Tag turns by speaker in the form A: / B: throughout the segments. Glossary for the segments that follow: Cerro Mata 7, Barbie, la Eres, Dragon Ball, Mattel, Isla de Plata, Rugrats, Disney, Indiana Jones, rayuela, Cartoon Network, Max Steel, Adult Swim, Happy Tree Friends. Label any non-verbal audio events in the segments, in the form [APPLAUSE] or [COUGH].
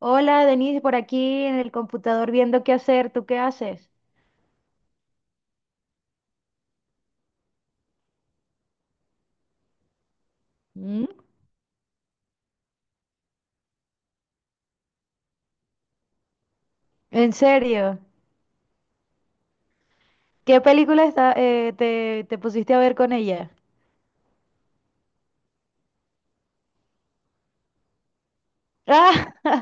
A: Hola, Denise, por aquí en el computador viendo qué hacer. ¿Tú qué haces? Mm. ¿En serio? ¿Qué película te pusiste a ver con ella? [LAUGHS] Ah,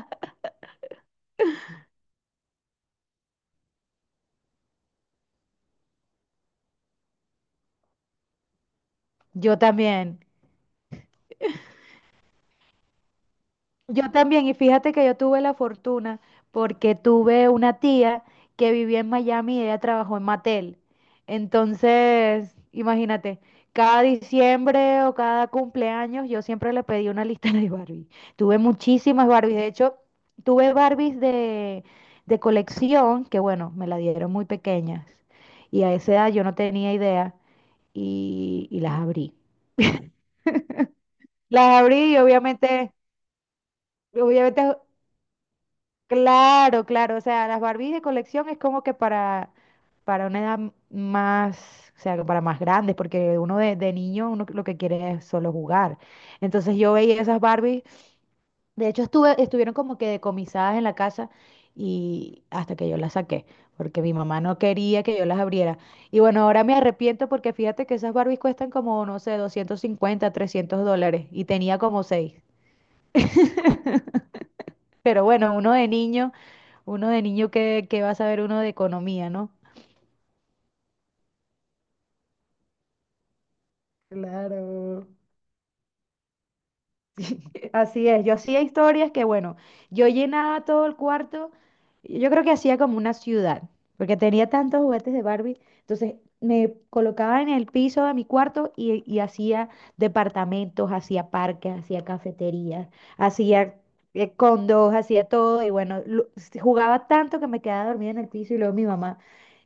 A: yo también. Yo también, y fíjate que yo tuve la fortuna porque tuve una tía que vivía en Miami y ella trabajó en Mattel. Entonces, imagínate, cada diciembre o cada cumpleaños yo siempre le pedí una lista [LAUGHS] de Barbie. Tuve muchísimas Barbies, de hecho, tuve Barbies de colección que, bueno, me la dieron muy pequeñas y a esa edad yo no tenía idea y las abrí. Las abrí y obviamente. Claro, claro, o sea, las Barbies de colección es como que para una edad más, o sea, para más grandes, porque uno de niño uno lo que quiere es solo jugar. Entonces yo veía esas Barbies, de hecho estuvieron como que decomisadas en la casa y hasta que yo las saqué, porque mi mamá no quería que yo las abriera. Y bueno, ahora me arrepiento porque fíjate que esas Barbies cuestan como, no sé, 250, $300 y tenía como seis. Pero bueno, uno de niño que va a saber uno de economía, ¿no? Claro. [LAUGHS] Así es, yo hacía historias que, bueno, yo llenaba todo el cuarto, yo creo que hacía como una ciudad, porque tenía tantos juguetes de Barbie, entonces me colocaba en el piso de mi cuarto y hacía departamentos, hacía parques, hacía cafeterías, hacía condos, hacía todo, y bueno, jugaba tanto que me quedaba dormida en el piso y luego mi mamá,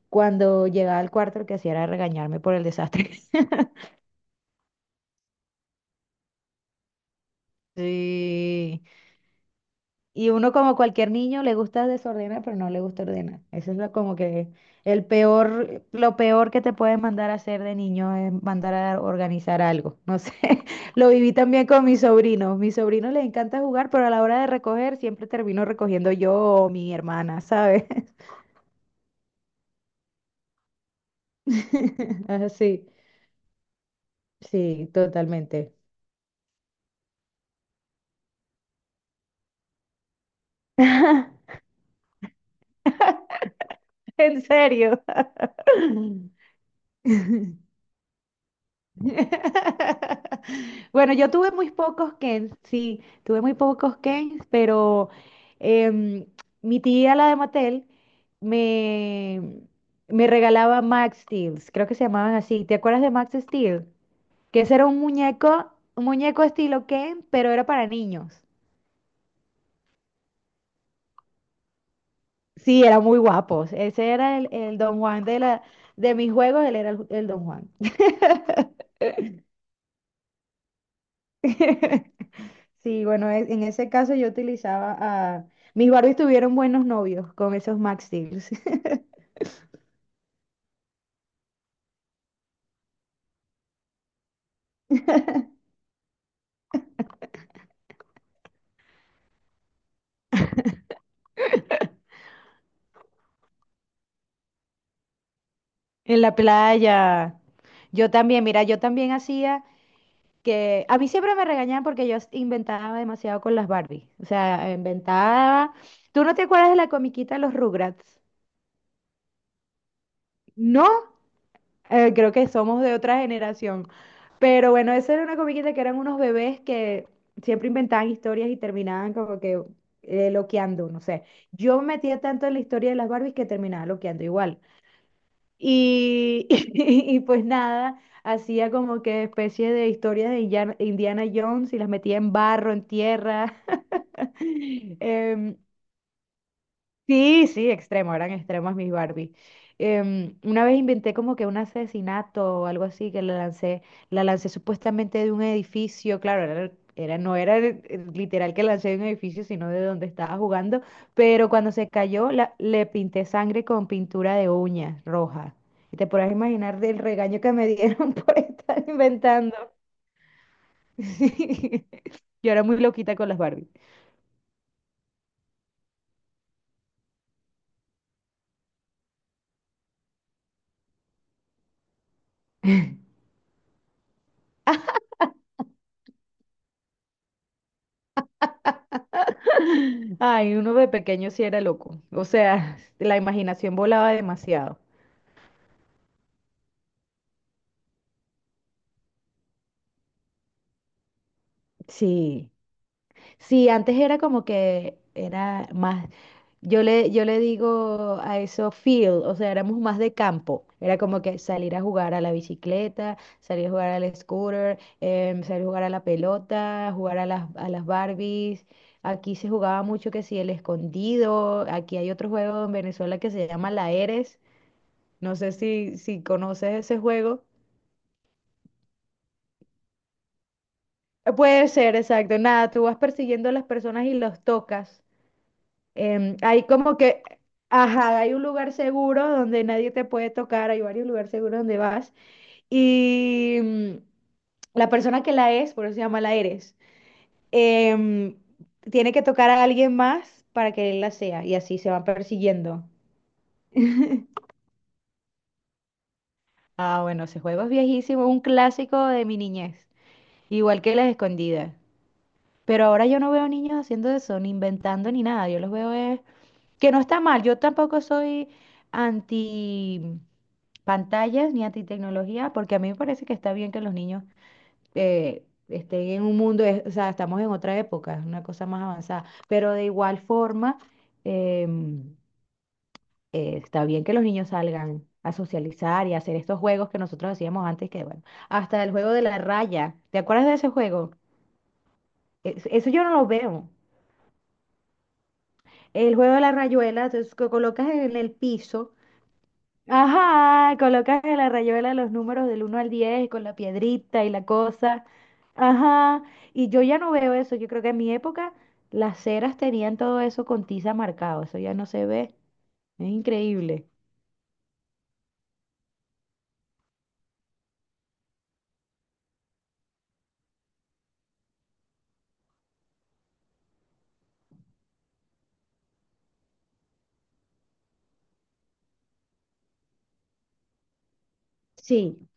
A: cuando llegaba al cuarto, lo que hacía era regañarme por el desastre. [LAUGHS] Sí. Y uno como cualquier niño le gusta desordenar, pero no le gusta ordenar. Eso es lo, como que el peor, lo peor que te pueden mandar a hacer de niño es mandar a organizar algo. No sé, [LAUGHS] lo viví también con mis sobrinos. Mis sobrinos les encanta jugar, pero a la hora de recoger siempre termino recogiendo yo o mi hermana, ¿sabes? [LAUGHS] Así, sí, totalmente. [LAUGHS] En serio. [LAUGHS] [LAUGHS] Bueno, yo tuve muy pocos Kens, sí, tuve muy pocos Kens, pero em, mi tía, la de Mattel, me, me regalaba Max Steel, creo que se llamaban así. ¿Te acuerdas de Max Steel? Que ese era un muñeco, estilo Ken, pero era para niños. Sí, eran muy guapos. Ese era el Don Juan de mis juegos, él era el Don Juan. [LAUGHS] Sí, bueno, en ese caso yo utilizaba a. Mis Barbies tuvieron buenos novios con esos Max Steels [LAUGHS] en la playa. Yo también, mira, yo también hacía que. A mí siempre me regañaban porque yo inventaba demasiado con las Barbies. O sea, inventaba. ¿Tú no te acuerdas de la comiquita de los Rugrats? No. Creo que somos de otra generación. Pero bueno, esa era una comiquita que eran unos bebés que siempre inventaban historias y terminaban como que loqueando, no sé. Yo me metía tanto en la historia de las Barbies que terminaba loqueando igual. Y, [LAUGHS] y, pues nada, hacía como que especie de historias de Indiana Jones y las metía en barro, en tierra. [LAUGHS] Em, Sí, sí, extremo, eran extremos mis Barbie. Una vez inventé como que un asesinato o algo así, que la lancé, supuestamente de un edificio, claro, no era literal que lancé de un edificio, sino de donde estaba jugando, pero cuando se cayó le pinté sangre con pintura de uñas roja. Y te podrás imaginar del regaño que me dieron [LAUGHS] por estar inventando. [LAUGHS] Sí. Yo era muy loquita con las Barbie. Ay, uno de pequeño sí era loco. O sea, [LAUGHS] la imaginación volaba demasiado. Sí, sí, antes era como que era más, yo le digo a eso field, o sea, éramos más de campo, era como que salir a jugar a la bicicleta, salir a jugar al scooter, salir a jugar a la pelota, jugar a las Barbies, aquí se jugaba mucho que si el escondido, aquí hay otro juego en Venezuela que se llama la Eres, no sé si conoces ese juego. Puede ser, exacto. Nada, tú vas persiguiendo a las personas y los tocas. Hay como que, ajá, hay un lugar seguro donde nadie te puede tocar, hay varios lugares seguros donde vas. Y la persona que la es, por eso se llama la eres, em, tiene que tocar a alguien más para que él la sea y así se van persiguiendo. Ah, bueno, ese juego es viejísimo, un clásico de mi niñez, igual que las escondidas. Pero ahora yo no veo niños haciendo eso, ni inventando ni nada, yo los veo. Que no está mal, yo tampoco soy anti pantallas ni anti tecnología, porque a mí me parece que está bien que los niños estén en un mundo, o sea, estamos en otra época, es una cosa más avanzada, pero de igual forma em, está bien que los niños salgan a socializar y a hacer estos juegos que nosotros hacíamos antes, que bueno, hasta el juego de la raya, ¿te acuerdas de ese juego? Eso yo no lo veo. El juego de la rayuela, entonces, que colocas en el piso. Ajá, colocas en la rayuela los números del uno al 10 con la piedrita y la cosa. Ajá, y yo ya no veo eso. Yo creo que en mi época las ceras tenían todo eso con tiza marcado. Eso ya no se ve. Es increíble. Sí,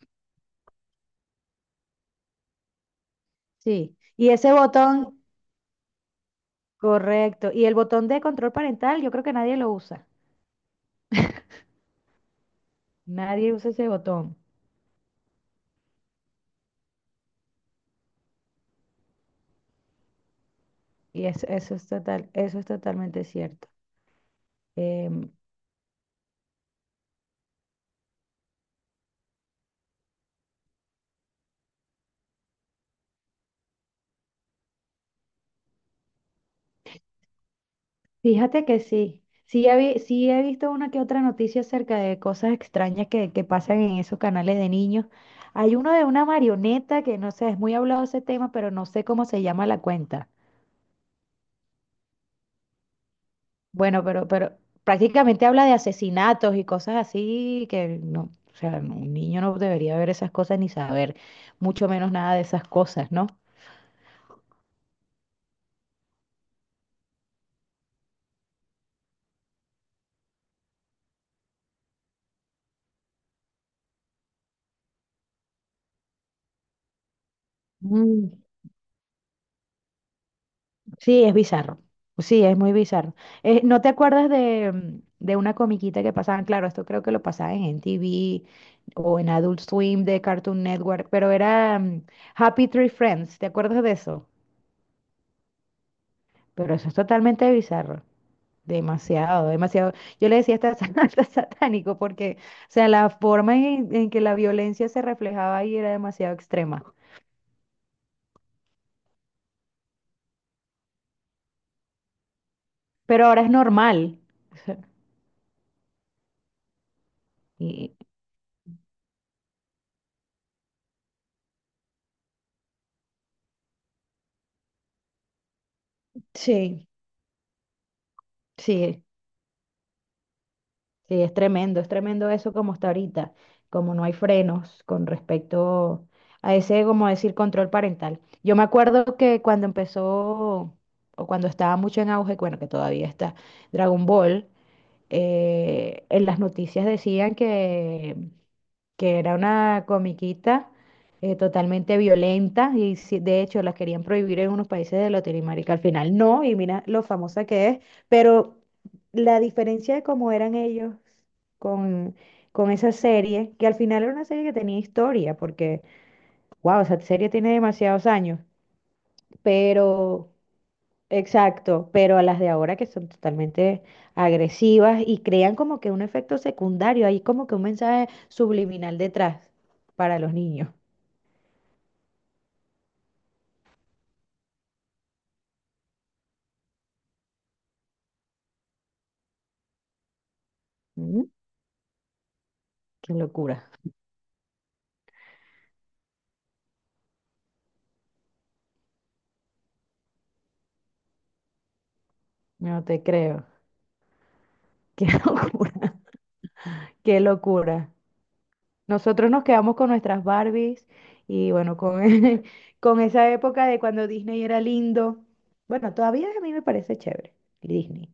A: sí. Y ese botón, correcto. Y el botón de control parental, yo creo que nadie lo usa. Nadie usa ese botón. Y eso es totalmente cierto. Em, Fíjate que sí, sí he visto una que otra noticia acerca de cosas extrañas que pasan en esos canales de niños. Hay uno de una marioneta que no sé, es muy hablado ese tema, pero no sé cómo se llama la cuenta. Bueno, pero prácticamente habla de asesinatos y cosas así que no, o sea, no, un niño no debería ver esas cosas ni saber mucho menos nada de esas cosas, ¿no? Mm. Sí, es bizarro. Sí, es muy bizarro. ¿No te acuerdas de una comiquita que pasaban? Claro, esto creo que lo pasaban en TV o en Adult Swim de Cartoon Network, pero era Happy Tree Friends. ¿Te acuerdas de eso? Pero eso es totalmente bizarro. Demasiado, demasiado. Yo le decía [LAUGHS] hasta satánico porque, o sea, la forma en que la violencia se reflejaba ahí era demasiado extrema. Pero ahora es normal. [LAUGHS] Y, sí, sí. Sí, es tremendo eso como está ahorita, como no hay frenos con respecto a ese, como decir, control parental. Yo me acuerdo que cuando empezó, o cuando estaba mucho en auge, bueno, que todavía está Dragon Ball, en las noticias decían que, era una comiquita totalmente violenta y de hecho la querían prohibir en unos países de Latinoamérica. Al final no, y mira lo famosa que es, pero la diferencia de cómo eran ellos con, con esa serie, que al final era una serie que tenía historia, porque, wow, esa serie tiene demasiados años, pero. Exacto, pero a las de ahora que son totalmente agresivas y crean como que un efecto secundario, hay como que un mensaje subliminal detrás para los niños. Mm, Qué locura. No te creo. [LAUGHS] Qué locura. Qué locura. Nosotros nos quedamos con nuestras Barbies y bueno, con, [LAUGHS] con esa época de cuando Disney era lindo. Bueno, todavía a mí me parece chévere, Disney.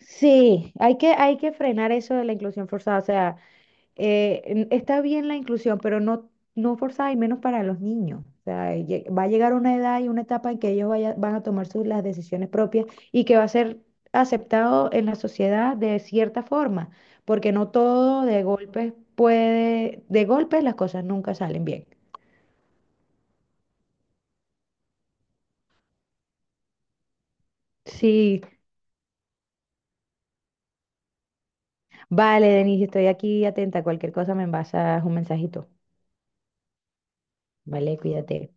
A: Sí, hay que frenar eso de la inclusión forzada. O sea, está bien la inclusión, pero no, no forzada y menos para los niños. O sea, va a llegar una edad y una etapa en que ellos van a tomar las decisiones propias y que va a ser aceptado en la sociedad de cierta forma, porque no todo de golpes las cosas nunca salen bien. Sí, vale, Denise, estoy aquí atenta. Cualquier cosa me envasas un mensajito. Vale, cuídate.